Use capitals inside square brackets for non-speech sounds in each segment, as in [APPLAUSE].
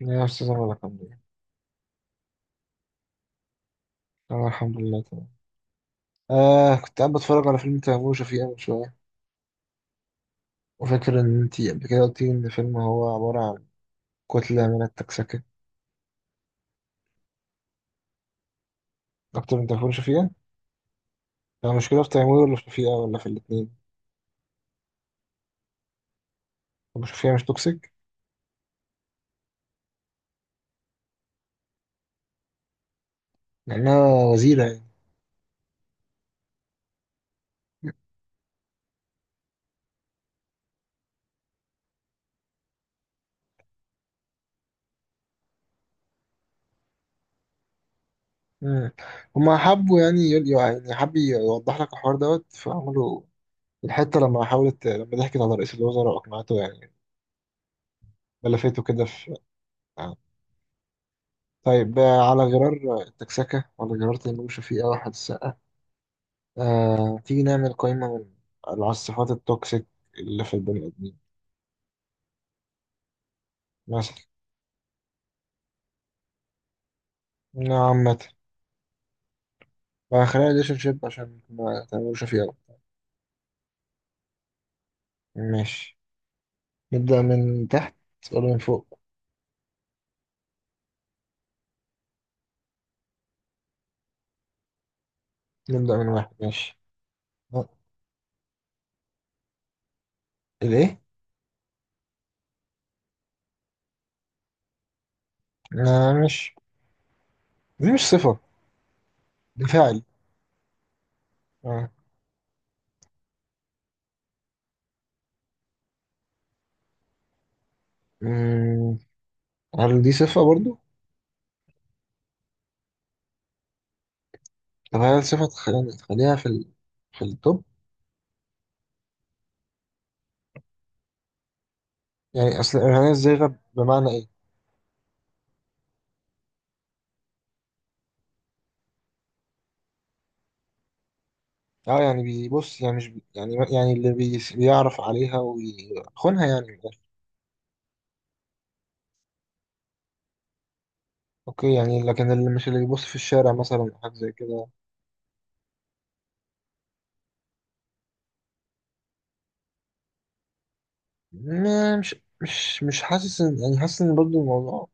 يا أستاذ الله، الحمد لله. أنا الحمد لله تمام. آه، كنت قاعد بتفرج على فيلم تيمور وشفيقة من شوية، وفاكر إن أنتي قبل كده قلتي إن الفيلم هو عبارة عن كتلة من التكسكة. أكتر من تيمور وشفيقة؟ المشكلة في تيمور ولا في شفيقة ولا في الاتنين؟ أبو شفيقة مش توكسيك لأنها وزيرة يعني. مم. هما حبوا يعني يقول، يعني حب يوضح لك الحوار دوت، فعملوا الحتة لما حاولت، لما ضحكت على رئيس الوزراء وأقنعته يعني بلفته كده في آه. طيب. على غرار التكسكة وعلى غرار تيمور وشفيقة واحد، تيجي نعمل قائمة من على الصفات التوكسيك اللي في البني آدمين. مثلا عامة. خلينا ريليشن شيب عشان ما تعملوش فيه أوي. ماشي، نبدأ من تحت ولا من فوق؟ نبدأ من واحد، ماشي. آه، الإيه؟ آه، مش دي مش صفة، ده فعل. آه. مم، هل دي صفة برضو؟ طب هل صفة يعني تخليها في ال... في التوب؟ يعني أصل إرهاق إزاي غب بمعنى إيه؟ اه يعني بيبص، يعني مش بي يعني يعني اللي بيعرف عليها ويخونها يعني من الآخر. اوكي، يعني لكن اللي مش اللي بيبص في الشارع مثلا أو حاجة زي كده، مش مش حاسس ان يعني حاسس ان برضه الموضوع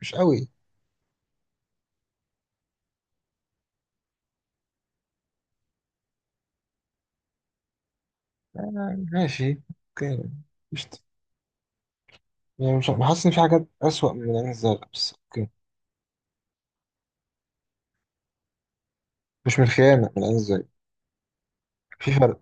مش قوي. ماشي اوكي. مش يعني مش حاسس ان في حاجات اسوأ من العين الزرقاء، بس اوكي. مش من الخيانة، من العين الزرقاء، في فرق.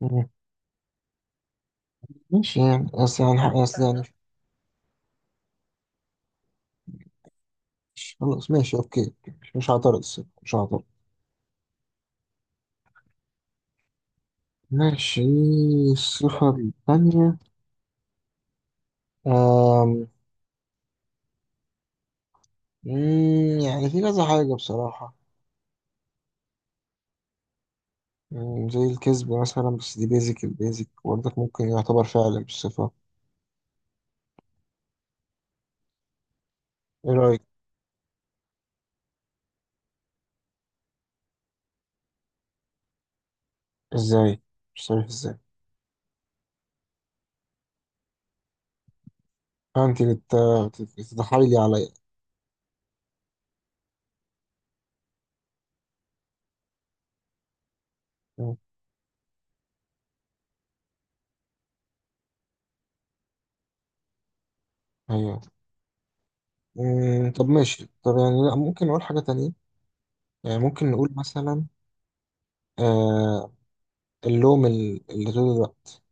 مم. ماشي يعني بس يعني خلاص ماشي اوكي. مش هعترض الصراحة، مش هعترض. ماشي، الصفة الثانية. آم، مم، يعني في كذا حاجة بصراحة. مم، زي الكذب مثلا، بس دي بيزك، البيزك برضك ممكن يعتبر فعلا بالصفة. ايه رأيك؟ ازاي؟ مش عارف ازاي. انت بتتحايلي عليا. مم، ايوه. مم، طب ماشي، طب يعني لا ممكن نقول حاجة تانية، يعني ممكن نقول مثلا آه اللوم، اللي طول الوقت.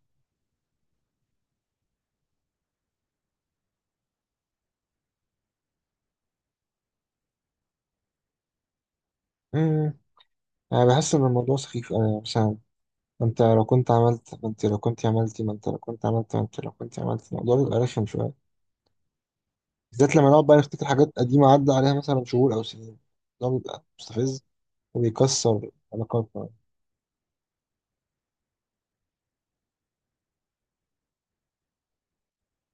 مم، انا بحس ان الموضوع سخيف أوي، يعني مثلا ما انت لو كنت عملت ما انت لو كنت عملتي ما انت لو كنت عملت ما انت لو كنت عملت الموضوع بيبقى رخم شوية. بالذات لما نقعد بقى نفتكر حاجات قديمة عدى عليها مثلا شهور أو سنين، ده بيبقى مستفز وبيكسر علاقاتنا.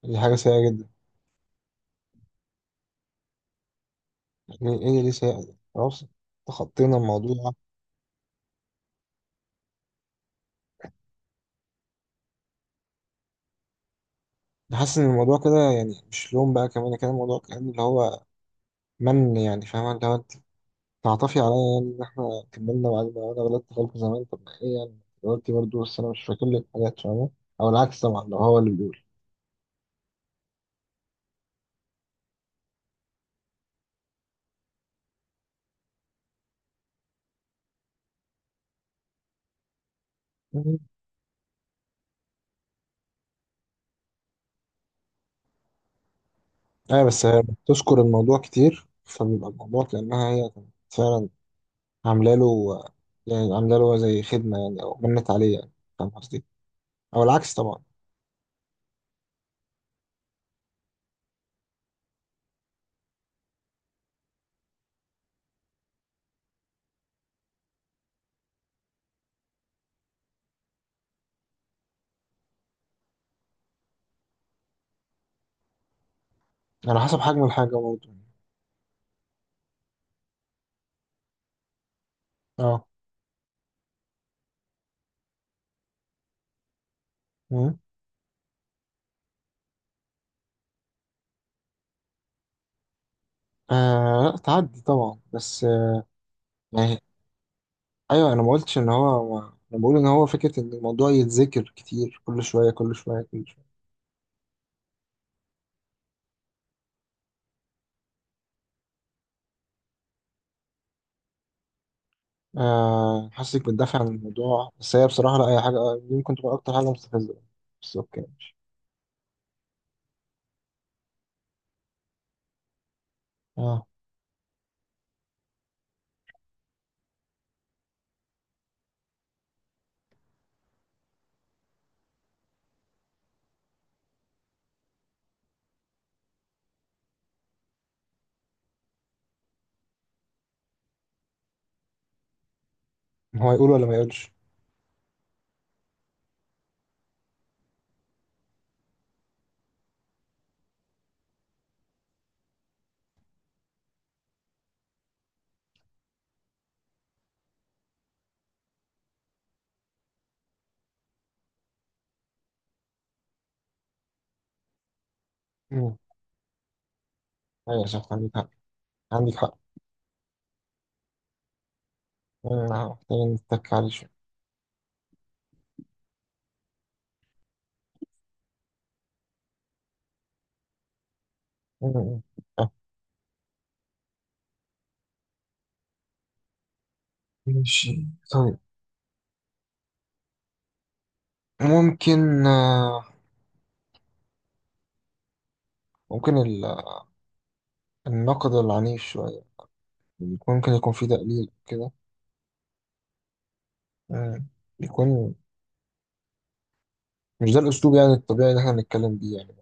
دي حاجة سيئة جدا. يعني إيه اللي ليه سيئة دي؟ خلاص، تخطينا الموضوع. حاسس إن الموضوع كده يعني مش لوم بقى كمان، كان الموضوع كان اللي هو من يعني، فاهمة، اللي هو أنت تعطفي عليا يعني إن إحنا كملنا، وبعدين أنا غلطت غلطة زمان، طب ما إيه يعني؟ غلطتي برضه، بس أنا مش فاكر لك حاجات، فاهمة؟ أو العكس طبعا لو هو اللي بيقول. مم. أيوة، بس هي بتذكر الموضوع كتير، فبيبقى الموضوع كأنها هي كانت فعلا عامله له، يعني عامله له زي خدمه يعني، او منت عليه يعني، فاهم قصدي؟ او العكس طبعا. يعني على حسب حجم الحاجه برضه. اه. مم. آه لا، تعدي طبعا، بس آه يعني ايوه، انا ما قلتش ان هو، انا بقول ان هو فكره ان الموضوع يتذكر كتير، كل شويه. آه، حاسسك بتدافع عن الموضوع، بس هي بصراحه لا، اي حاجه دي ممكن تكون اكتر حاجه مستفزه. بس اوكي، ماشي. اه. هو يقول ولا ما يقولش؟ مم. ايوه صح، عندك حق، عندك حق. مم، محتاجين نتك عليه شويه. مم. مم. ماشي طيب. ممكن ممكن النقد العنيف شوية، ممكن يكون فيه تقليل كده. آه، يكون مش ده الأسلوب يعني الطبيعي اللي احنا بنتكلم بيه يعني.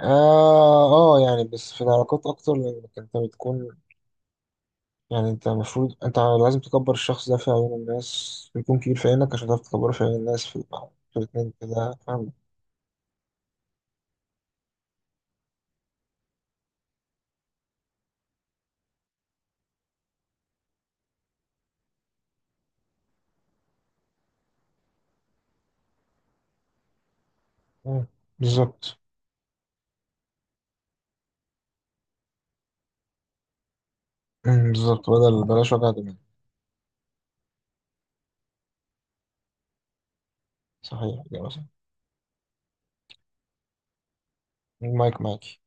آه يعني بس في العلاقات أكتر، لأنك أنت بتكون، يعني أنت المفروض أنت لازم تكبر الشخص ده في عيون الناس ويكون كبير في عينك عشان تعرف تكبره في عيون الناس في في الاتنين كده، فاهم؟ آه، بالظبط. مم، بالظبط، بدل بلاش وجع دماغ. صحيح، إجابة صح. المايك معاكي.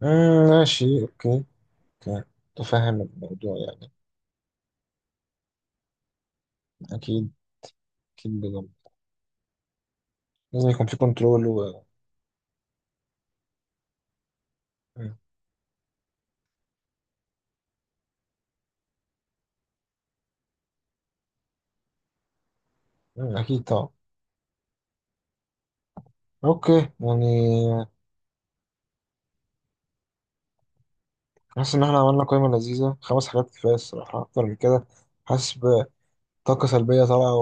مم، ماشي اوكي. اوكي، تفهم الموضوع يعني. اكيد، اكيد بجد. لازم يكون في كنترول و مم. مم، اكيد طبعا. اوكي. يعني حاسس ان احنا عملنا قائمة لذيذة، خمس حاجات كفاية الصراحة، اكتر من كده حاسس بطاقة سلبية طالعة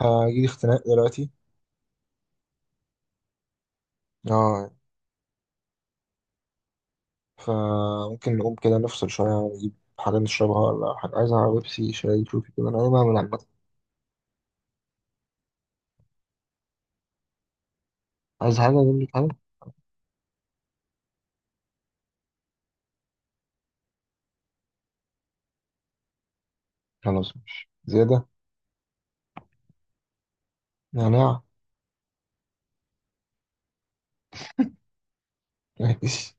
وهجيلي اختناق دلوقتي. اه. فممكن نقوم كده نفصل شوية ونجيب حاجة نشربها. ولا حاجة عايزها؟ بيبسي، شاي، شوفي كده انا ايه بعمل عامة. عايز حاجة اجيب لك حاجة. خلاص ماشي زيادة. نعناع. [LAUGHS] ماشي.